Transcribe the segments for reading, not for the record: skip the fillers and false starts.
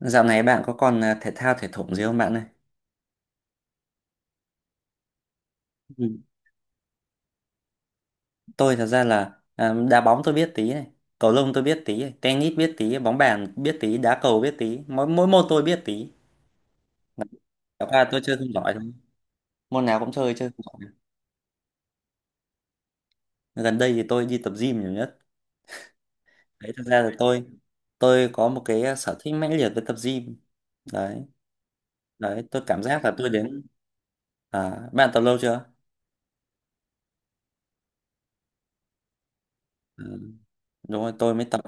Dạo này bạn có còn thể thao thể thủng gì không bạn ơi? Ừ. Tôi thật ra là đá bóng tôi biết tí này, cầu lông tôi biết tí này, tennis biết tí, bóng bàn biết tí, đá cầu biết tí, mỗi mỗi môn tôi biết tí. Thật ra tôi chơi không giỏi thôi. Môn nào cũng chơi chơi không giỏi. Gần đây thì tôi đi tập gym nhiều nhất. Đấy, thật ra là tôi có một cái sở thích mãnh liệt với tập gym. Đấy, đấy, tôi cảm giác là tôi đến. Bạn tập lâu chưa? Ừ. Đúng rồi, tôi mới tập.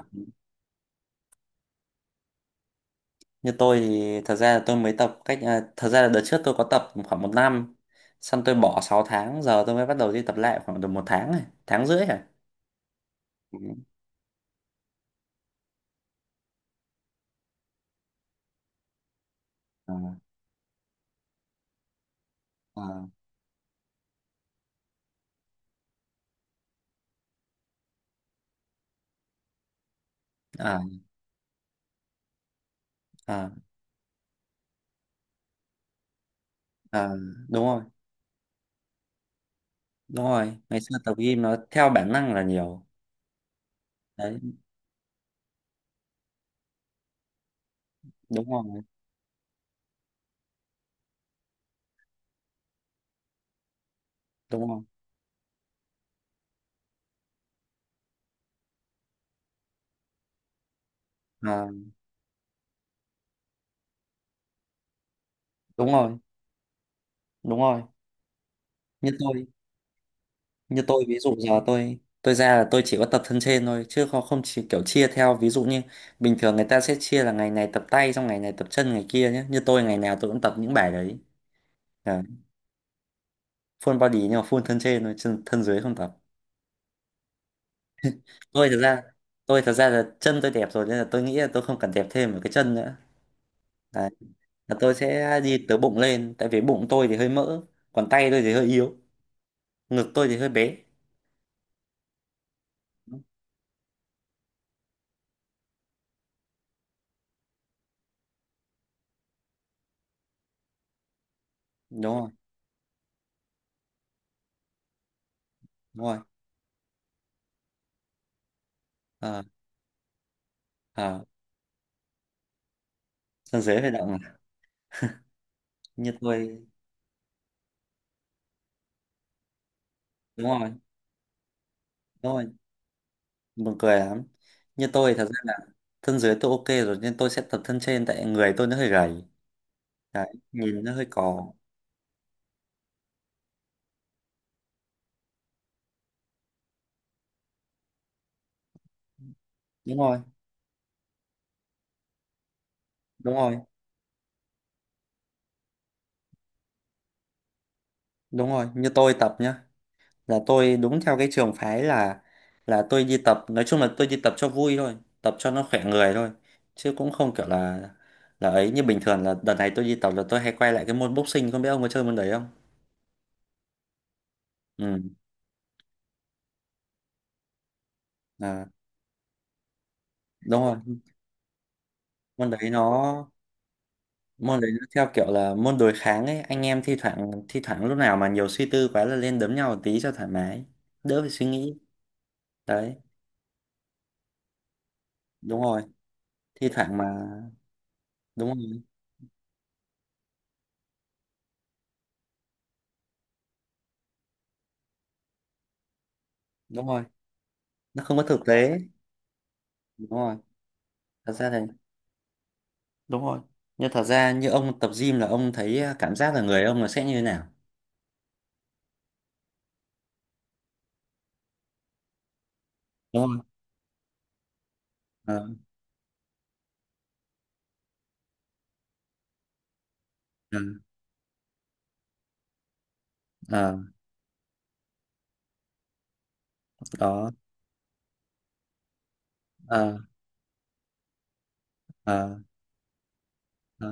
Như tôi thì thật ra là tôi mới tập cách, thật ra là đợt trước tôi có tập khoảng một năm, xong tôi bỏ 6 tháng, giờ tôi mới bắt đầu đi tập lại khoảng được một tháng này, tháng rưỡi à. Ừ. Ờ, ờ. À, à, à. Đúng rồi, đúng rồi. Ngày xưa tập gym nó theo bản năng là nhiều. Đấy, đúng rồi, đúng rồi. À, đúng rồi, đúng rồi. Như tôi như tôi ví dụ giờ tôi ra là tôi chỉ có tập thân trên thôi, chứ không không chỉ kiểu chia theo. Ví dụ như bình thường người ta sẽ chia là ngày này tập tay, xong ngày này tập chân, ngày kia nhé. Như tôi ngày nào tôi cũng tập những bài đấy. à, Full body nhưng mà full thân trên thôi, chân thân dưới không tập. Tôi thật ra tôi thật ra là chân tôi đẹp rồi nên là tôi nghĩ là tôi không cần đẹp thêm một cái chân nữa. Đấy, là tôi sẽ đi từ bụng lên tại vì bụng tôi thì hơi mỡ, còn tay tôi thì hơi yếu, ngực tôi thì hơi bé. Đúng rồi. Đúng rồi ờ, ờ, thân dưới hơi động à. Như tôi. Đúng rồi. Đúng rồi, buồn cười lắm. Như tôi thì thật ra là thân dưới tôi ok rồi nên tôi sẽ tập thân trên, tại người tôi nó hơi gầy. Đấy, nhìn nó hơi cò. Đúng rồi đúng rồi. Đúng rồi, như tôi tập nhá, là tôi đúng theo cái trường phái là tôi đi tập, nói chung là tôi đi tập cho vui thôi, tập cho nó khỏe người thôi. Chứ cũng không kiểu là, ấy như bình thường là đợt này tôi đi tập là tôi hay quay lại cái môn boxing, không biết ông có chơi môn đấy không. Ừ. à, Đúng rồi, môn đấy nó môn đấy nó theo kiểu là môn đối kháng ấy, anh em thi thoảng, lúc nào mà nhiều suy tư quá là lên đấm nhau một tí cho thoải mái, đỡ phải suy nghĩ. Đấy, đúng rồi. Thi thoảng mà đúng rồi, đúng rồi, nó không có thực tế. Đúng rồi, thật ra thì đúng rồi. Nhưng thật ra như ông tập gym là ông thấy, cảm giác là người ông là sẽ như thế nào, đúng không? Ờ, ờ, ờ, đó. Ờ, ờ, ờ.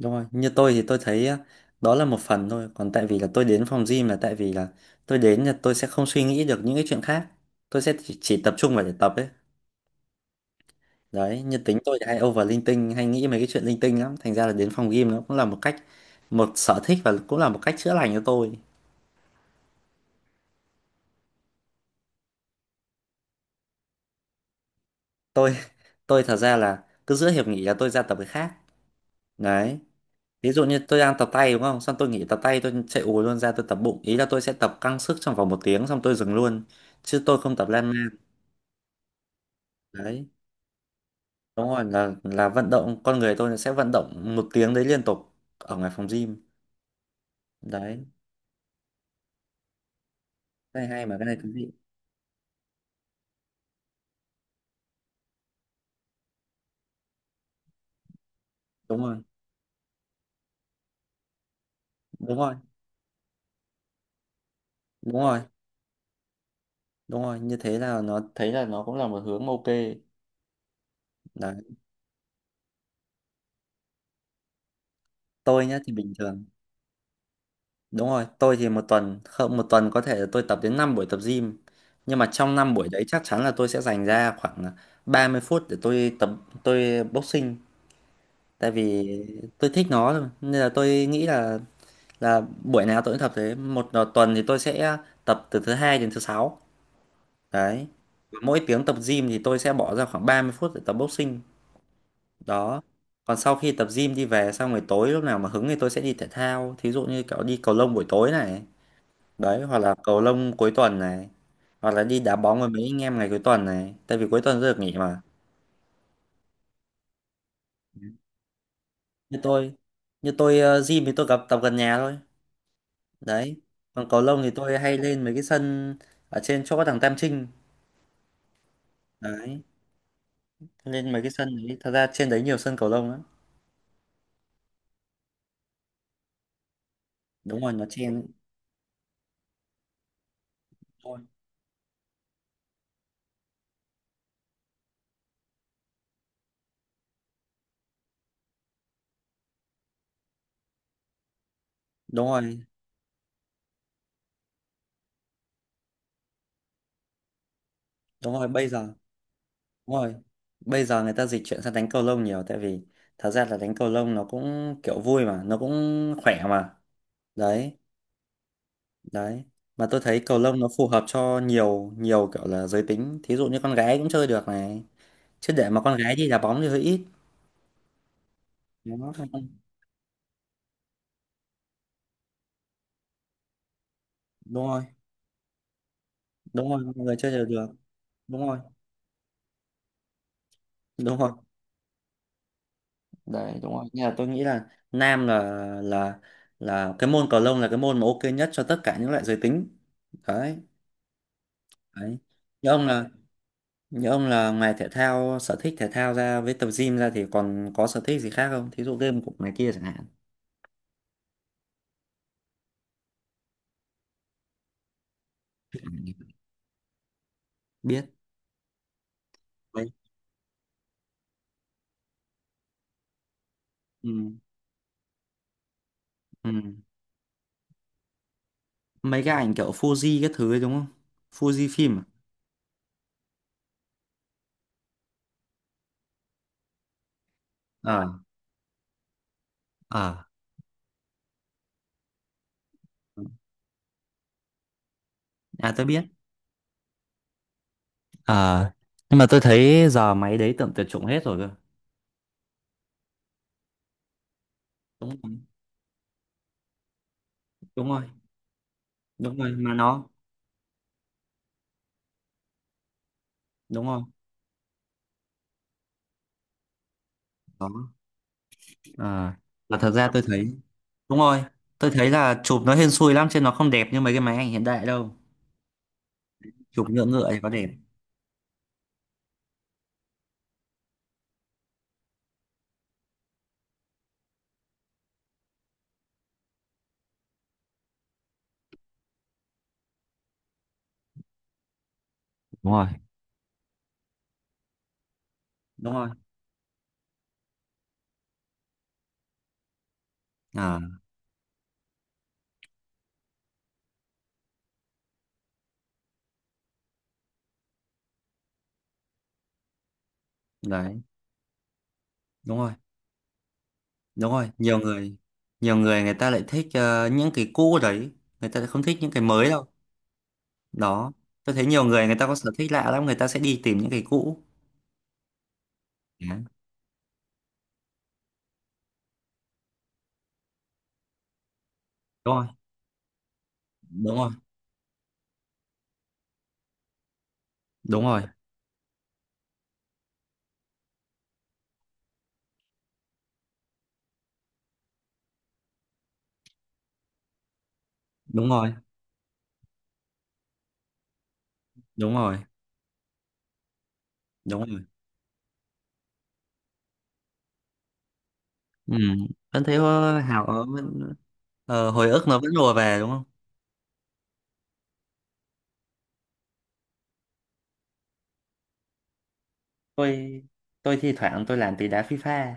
Đúng rồi, như tôi thì tôi thấy á, đó là một phần thôi. Còn tại vì là tôi đến phòng gym là tại vì là tôi đến là tôi sẽ không suy nghĩ được những cái chuyện khác. Tôi sẽ chỉ tập trung vào để tập ấy. Đấy, như tính tôi thì hay over linh tinh, hay nghĩ mấy cái chuyện linh tinh lắm. Thành ra là đến phòng gym nó cũng là một cách, một sở thích và cũng là một cách chữa lành cho tôi. Tôi, tôi thật ra là cứ giữa hiệp nghỉ là tôi ra tập cái khác. Đấy, ví dụ như tôi đang tập tay đúng không? Xong tôi nghỉ tập tay, tôi chạy ù luôn ra tôi tập bụng. Ý là tôi sẽ tập căng sức trong vòng một tiếng xong tôi dừng luôn. Chứ tôi không tập lan man. Đấy. Đúng rồi, là vận động con người tôi nó sẽ vận động một tiếng đấy liên tục ở ngoài phòng gym. Đấy, cái này hay mà, cái này thú vị. Đúng rồi. Đúng rồi. Đúng rồi. Đúng rồi, như thế là nó thấy là nó cũng là một hướng ok. Đấy, tôi nhá thì bình thường. Đúng rồi, tôi thì một tuần, không, một tuần có thể là tôi tập đến 5 buổi tập gym. Nhưng mà trong năm buổi đấy chắc chắn là tôi sẽ dành ra khoảng 30 phút để tôi tập boxing. Tại vì tôi thích nó thôi nên là tôi nghĩ là buổi nào tôi cũng tập thế. Một tuần thì tôi sẽ tập từ thứ hai đến thứ sáu. Đấy, mỗi tiếng tập gym thì tôi sẽ bỏ ra khoảng 30 phút để tập boxing. Đó, còn sau khi tập gym đi về xong rồi tối lúc nào mà hứng thì tôi sẽ đi thể thao, thí dụ như kiểu đi cầu lông buổi tối này. Đấy, hoặc là cầu lông cuối tuần này, hoặc là đi đá bóng với mấy anh em ngày cuối tuần này, tại vì cuối tuần tôi được nghỉ mà. Như tôi như tôi gym thì tôi gặp tập gần nhà thôi. Đấy, còn cầu lông thì tôi hay lên mấy cái sân ở trên chỗ có thằng Tam Trinh. Đấy, lên mấy cái sân đấy, thật ra trên đấy nhiều sân cầu lông lắm. Đúng rồi, nó chen. Ôi. Đúng rồi. Đúng rồi, bây giờ. Đúng rồi, bây giờ người ta dịch chuyển sang đánh cầu lông nhiều tại vì thật ra là đánh cầu lông nó cũng kiểu vui mà nó cũng khỏe mà. Đấy. Đấy, mà tôi thấy cầu lông nó phù hợp cho nhiều, nhiều kiểu là giới tính, thí dụ như con gái cũng chơi được này. Chứ để mà con gái đi đá bóng thì hơi ít. Đó, đúng rồi. Đúng rồi, mọi người chơi đều được. Đúng rồi. Đúng rồi. Đấy, đúng rồi nhưng mà tôi nghĩ là nam là, là là cái môn cầu lông là cái môn mà ok nhất cho tất cả những loại giới tính. Đấy. Đấy, như ông là như ông là ngoài thể thao, sở thích thể thao ra với tập gym ra thì còn có sở thích gì khác không, thí dụ game của này kia chẳng hạn? Biết đấy. Ừ. Ừ. Mấy cái ảnh kiểu Fuji cái thứ ấy đúng không, Fuji phim à? Ờ. Ờ. À, tôi biết. Ờ, nhưng mà tôi thấy giờ máy đấy tầm tuyệt chủng hết rồi cơ. Đúng rồi. Đúng rồi. Đúng rồi, mà nó đúng không? Đó. à, và thật ra tôi thấy, đúng rồi, tôi thấy là chụp nó hên xui lắm chứ nó không đẹp như mấy cái máy ảnh hiện đại đâu. Chụp ngựa ngựa thì có đẹp. Đúng rồi. Đúng rồi. À. Đấy. Đúng rồi. Đúng rồi, nhiều người, nhiều người người ta lại thích những cái cũ đấy, người ta lại không thích những cái mới đâu. Đó, tôi thấy nhiều người người ta có sở thích lạ lắm, người ta sẽ đi tìm những cái cũ. Đấy. Đúng rồi. Đúng rồi. Đúng rồi. Đúng rồi. Đúng rồi. Đúng rồi. Ừ, vẫn thấy ờ, hào ờ, vẫn- ờ, hồi ức nó vẫn lùa về đúng không? Tôi tôi thi thoảng tôi làm tí đá FIFA,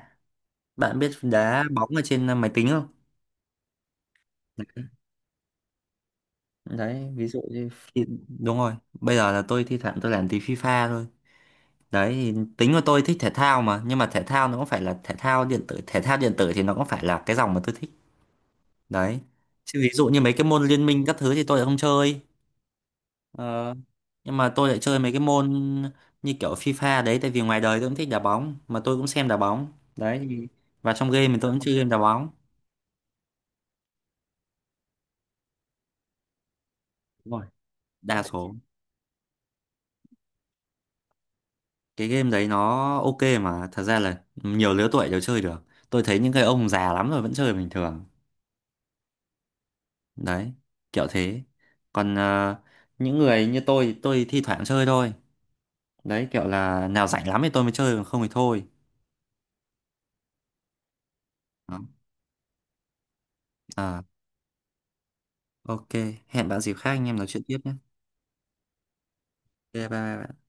bạn biết đá bóng ở trên máy tính không? Đấy, đấy ví dụ như khi- đúng rồi, bây giờ là tôi thi thoảng tôi làm tí FIFA thôi. Đấy thì tính của tôi thích thể thao mà, nhưng mà thể thao nó cũng phải là thể thao điện tử, thể thao điện tử thì nó cũng phải là cái dòng mà tôi thích. Đấy, chứ ví dụ như mấy cái môn liên minh các thứ thì tôi lại không chơi. Ờ, nhưng mà tôi lại chơi mấy cái môn như kiểu FIFA đấy, tại vì ngoài đời tôi cũng thích đá bóng mà tôi cũng xem đá bóng. Đấy thì-, và trong game thì tôi cũng chơi game đá bóng. Đa số cái game đấy nó ok mà, thật ra là nhiều lứa tuổi đều chơi được. Tôi thấy những cái ông già lắm rồi vẫn chơi bình thường. Đấy, kiểu thế. Còn những người như tôi thi thoảng chơi thôi. Đấy, kiểu là nào rảnh lắm thì tôi mới chơi còn không thì thôi. Đó. À, ok, hẹn bạn dịp khác anh em nói chuyện tiếp nhé. Ok, bye bye.